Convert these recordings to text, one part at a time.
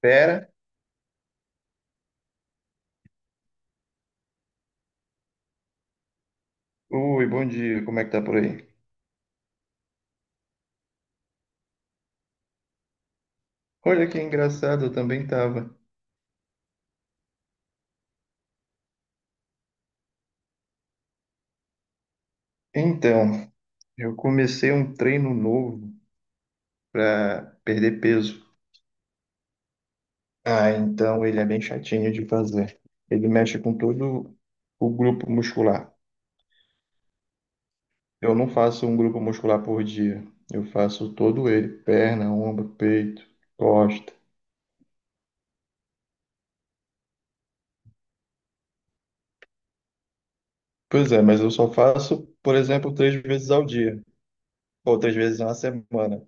Pera. Oi, bom dia. Como é que tá por aí? Olha que engraçado, eu também tava. Então, eu comecei um treino novo pra perder peso. Ah, então ele é bem chatinho de fazer. Ele mexe com todo o grupo muscular. Eu não faço um grupo muscular por dia. Eu faço todo ele, perna, ombro, peito, costa. Pois é, mas eu só faço, por exemplo, três vezes ao dia, ou três vezes na semana.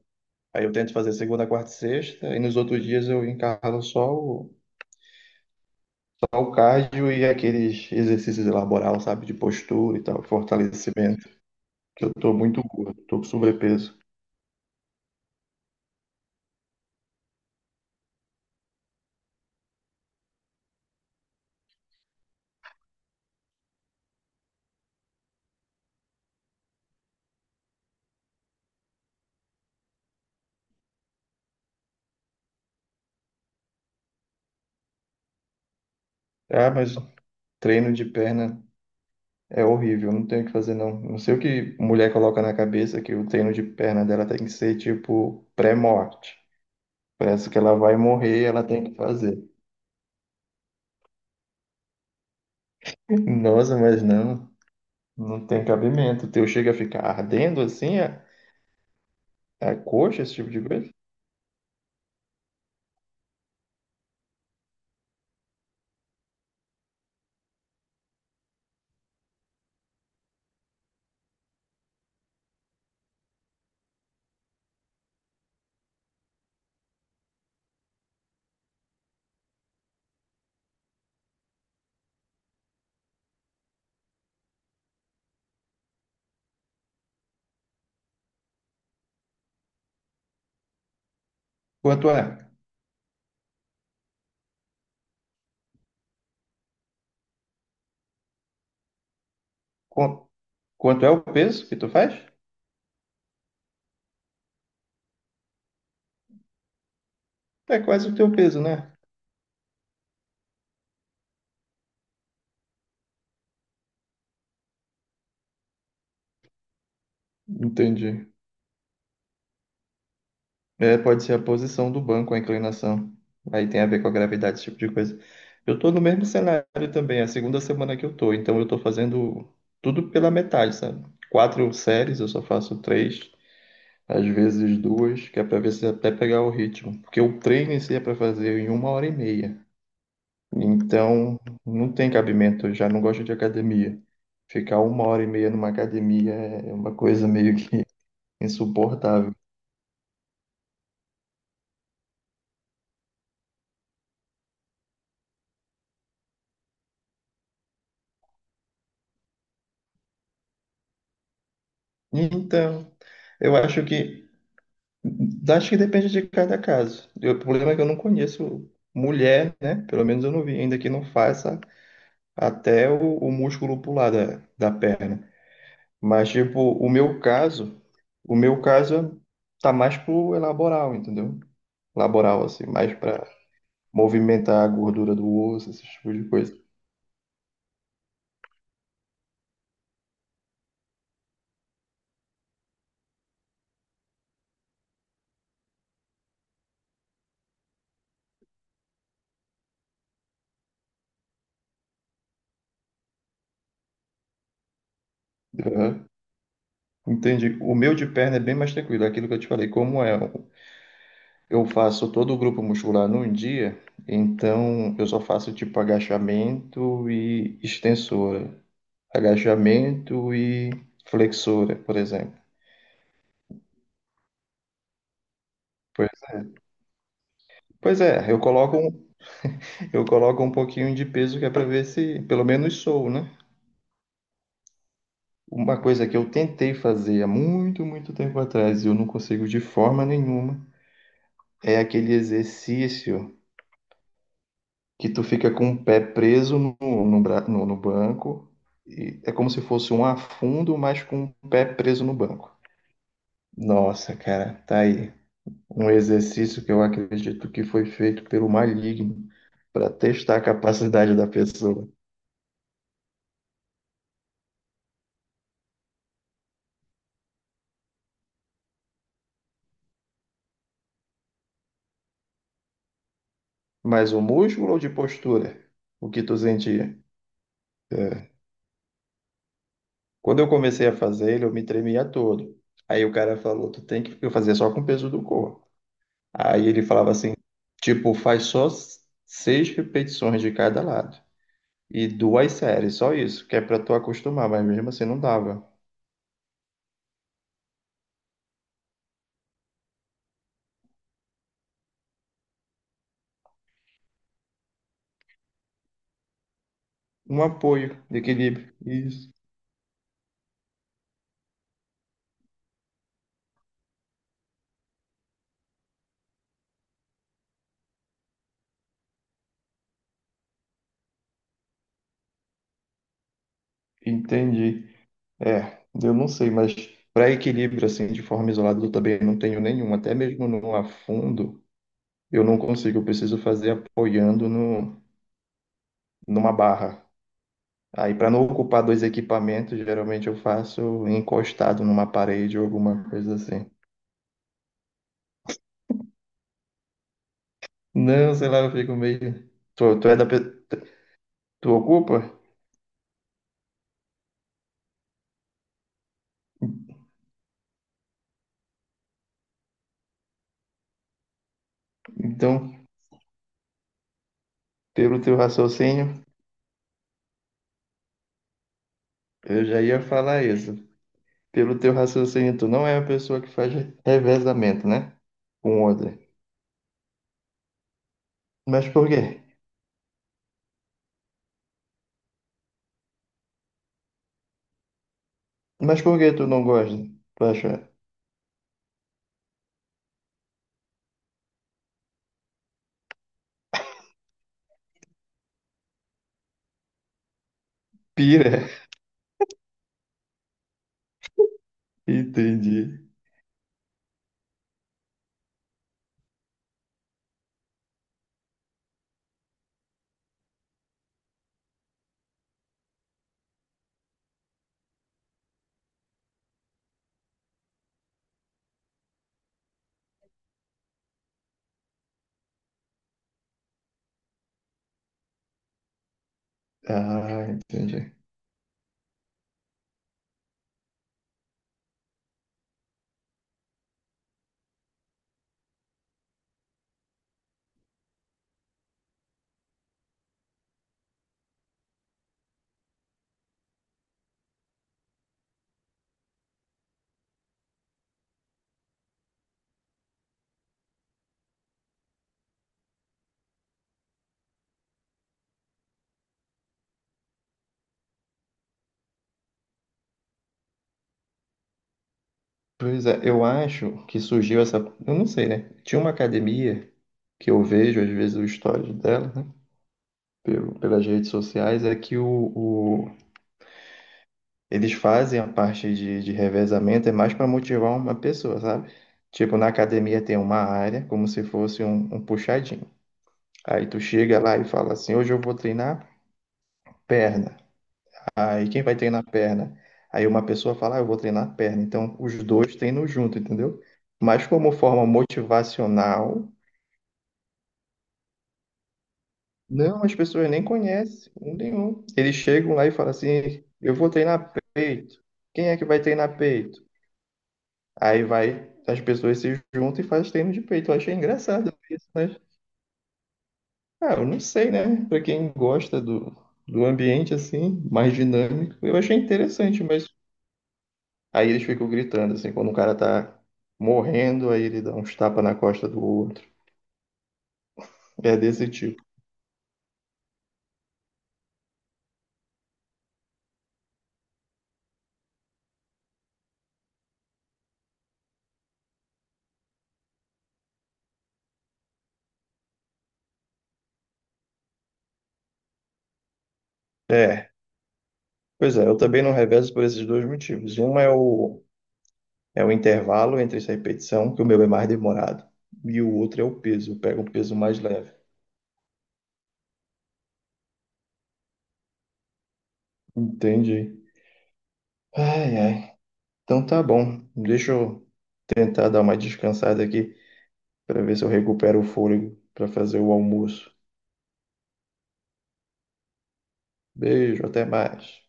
Aí eu tento fazer segunda, quarta e sexta, e nos outros dias eu encaro só o cardio e aqueles exercícios laboral, sabe, de postura e tal, fortalecimento, que eu tô muito gordo, tô com sobrepeso. Ah, mas treino de perna é horrível, não tenho o que fazer não. Não sei o que mulher coloca na cabeça que o treino de perna dela tem que ser tipo pré-morte. Parece que ela vai morrer, ela tem que fazer. Nossa, mas não, não tem cabimento. O teu chega a ficar ardendo assim, a coxa, esse tipo de coisa? Quanto é? Qu- Quanto é o peso que tu faz? É quase o teu peso, né? Entendi. É, pode ser a posição do banco, a inclinação. Aí tem a ver com a gravidade, esse tipo de coisa. Eu tô no mesmo cenário também, é a segunda semana que eu tô, então eu tô fazendo tudo pela metade, sabe? Quatro séries, eu só faço três, às vezes duas, que é pra ver se é até pegar o ritmo. Porque o treino em si é pra fazer em uma hora e meia. Então, não tem cabimento, eu já não gosto de academia. Ficar uma hora e meia numa academia é uma coisa meio que insuportável. Então, eu acho que depende de cada caso. E o problema é que eu não conheço mulher, né? Pelo menos eu não vi ainda que não faça até o músculo pular da perna. Mas tipo, o meu caso tá mais pro laboral, entendeu? Laboral assim, mais para movimentar a gordura do osso, esse tipo de coisa. Aham. Entendi. O meu de perna é bem mais tranquilo, é aquilo que eu te falei, como é, eu faço todo o grupo muscular num dia, então eu só faço tipo agachamento e extensora, agachamento e flexora, por exemplo. Pois é. Pois é, eu coloco um pouquinho de peso que é para ver se pelo menos sou, né? Uma coisa que eu tentei fazer há muito, muito tempo atrás e eu não consigo de forma nenhuma. É aquele exercício que tu fica com o pé preso no banco. E é como se fosse um afundo, mas com o pé preso no banco. Nossa, cara, tá aí. Um exercício que eu acredito que foi feito pelo maligno para testar a capacidade da pessoa. Mas o músculo ou de postura? O que tu sentia? É. Quando eu comecei a fazer ele, eu me tremia todo. Aí o cara falou, tu tem que eu fazia só com o peso do corpo. Aí ele falava assim, tipo, faz só seis repetições de cada lado e duas séries, só isso, que é para tu acostumar, mas mesmo assim não dava. Um apoio de equilíbrio, isso, entendi. É, eu não sei, mas para equilíbrio assim, de forma isolada, eu também não tenho nenhum, até mesmo no afundo, eu não consigo, eu preciso fazer apoiando no, numa barra. Aí, para não ocupar dois equipamentos, geralmente eu faço encostado numa parede ou alguma coisa assim. Não, sei lá, eu fico meio. Tu é da. Tu ocupa? Então, pelo teu raciocínio, eu já ia falar isso. Pelo teu raciocínio, tu não é a pessoa que faz revezamento, né? Com outra. Mas por quê? Mas por que tu não gosta? Tu acha pira? Entendi. Ah, entendi. Pois é, eu acho que surgiu essa. Eu não sei, né? Tinha uma academia que eu vejo, às vezes, o histórico dela, né? Pelas redes sociais, é que eles fazem a parte de revezamento, é mais para motivar uma pessoa, sabe? Tipo, na academia tem uma área, como se fosse um puxadinho. Aí tu chega lá e fala assim: hoje eu vou treinar perna. Aí quem vai treinar perna? Aí uma pessoa fala: ah, eu vou treinar perna. Então os dois treinam junto, entendeu? Mas como forma motivacional, não, as pessoas nem conhecem um nenhum. Eles chegam lá e falam assim: eu vou treinar peito. Quem é que vai treinar peito? Aí vai, as pessoas se juntam e fazem treino de peito. Eu achei engraçado isso, mas, ah, eu não sei, né? Pra quem gosta do ambiente assim, mais dinâmico, eu achei interessante, mas aí eles ficam gritando, assim, quando o cara tá morrendo, aí ele dá uns tapas na costa do outro. É desse tipo. É, pois é, eu também não revezo por esses dois motivos. Um é o intervalo entre essa repetição, que o meu é mais demorado, e o outro é o peso, eu pego um peso mais leve. Entendi. Ai, ai. Então tá bom. Deixa eu tentar dar uma descansada aqui para ver se eu recupero o fôlego para fazer o almoço. Beijo, até mais.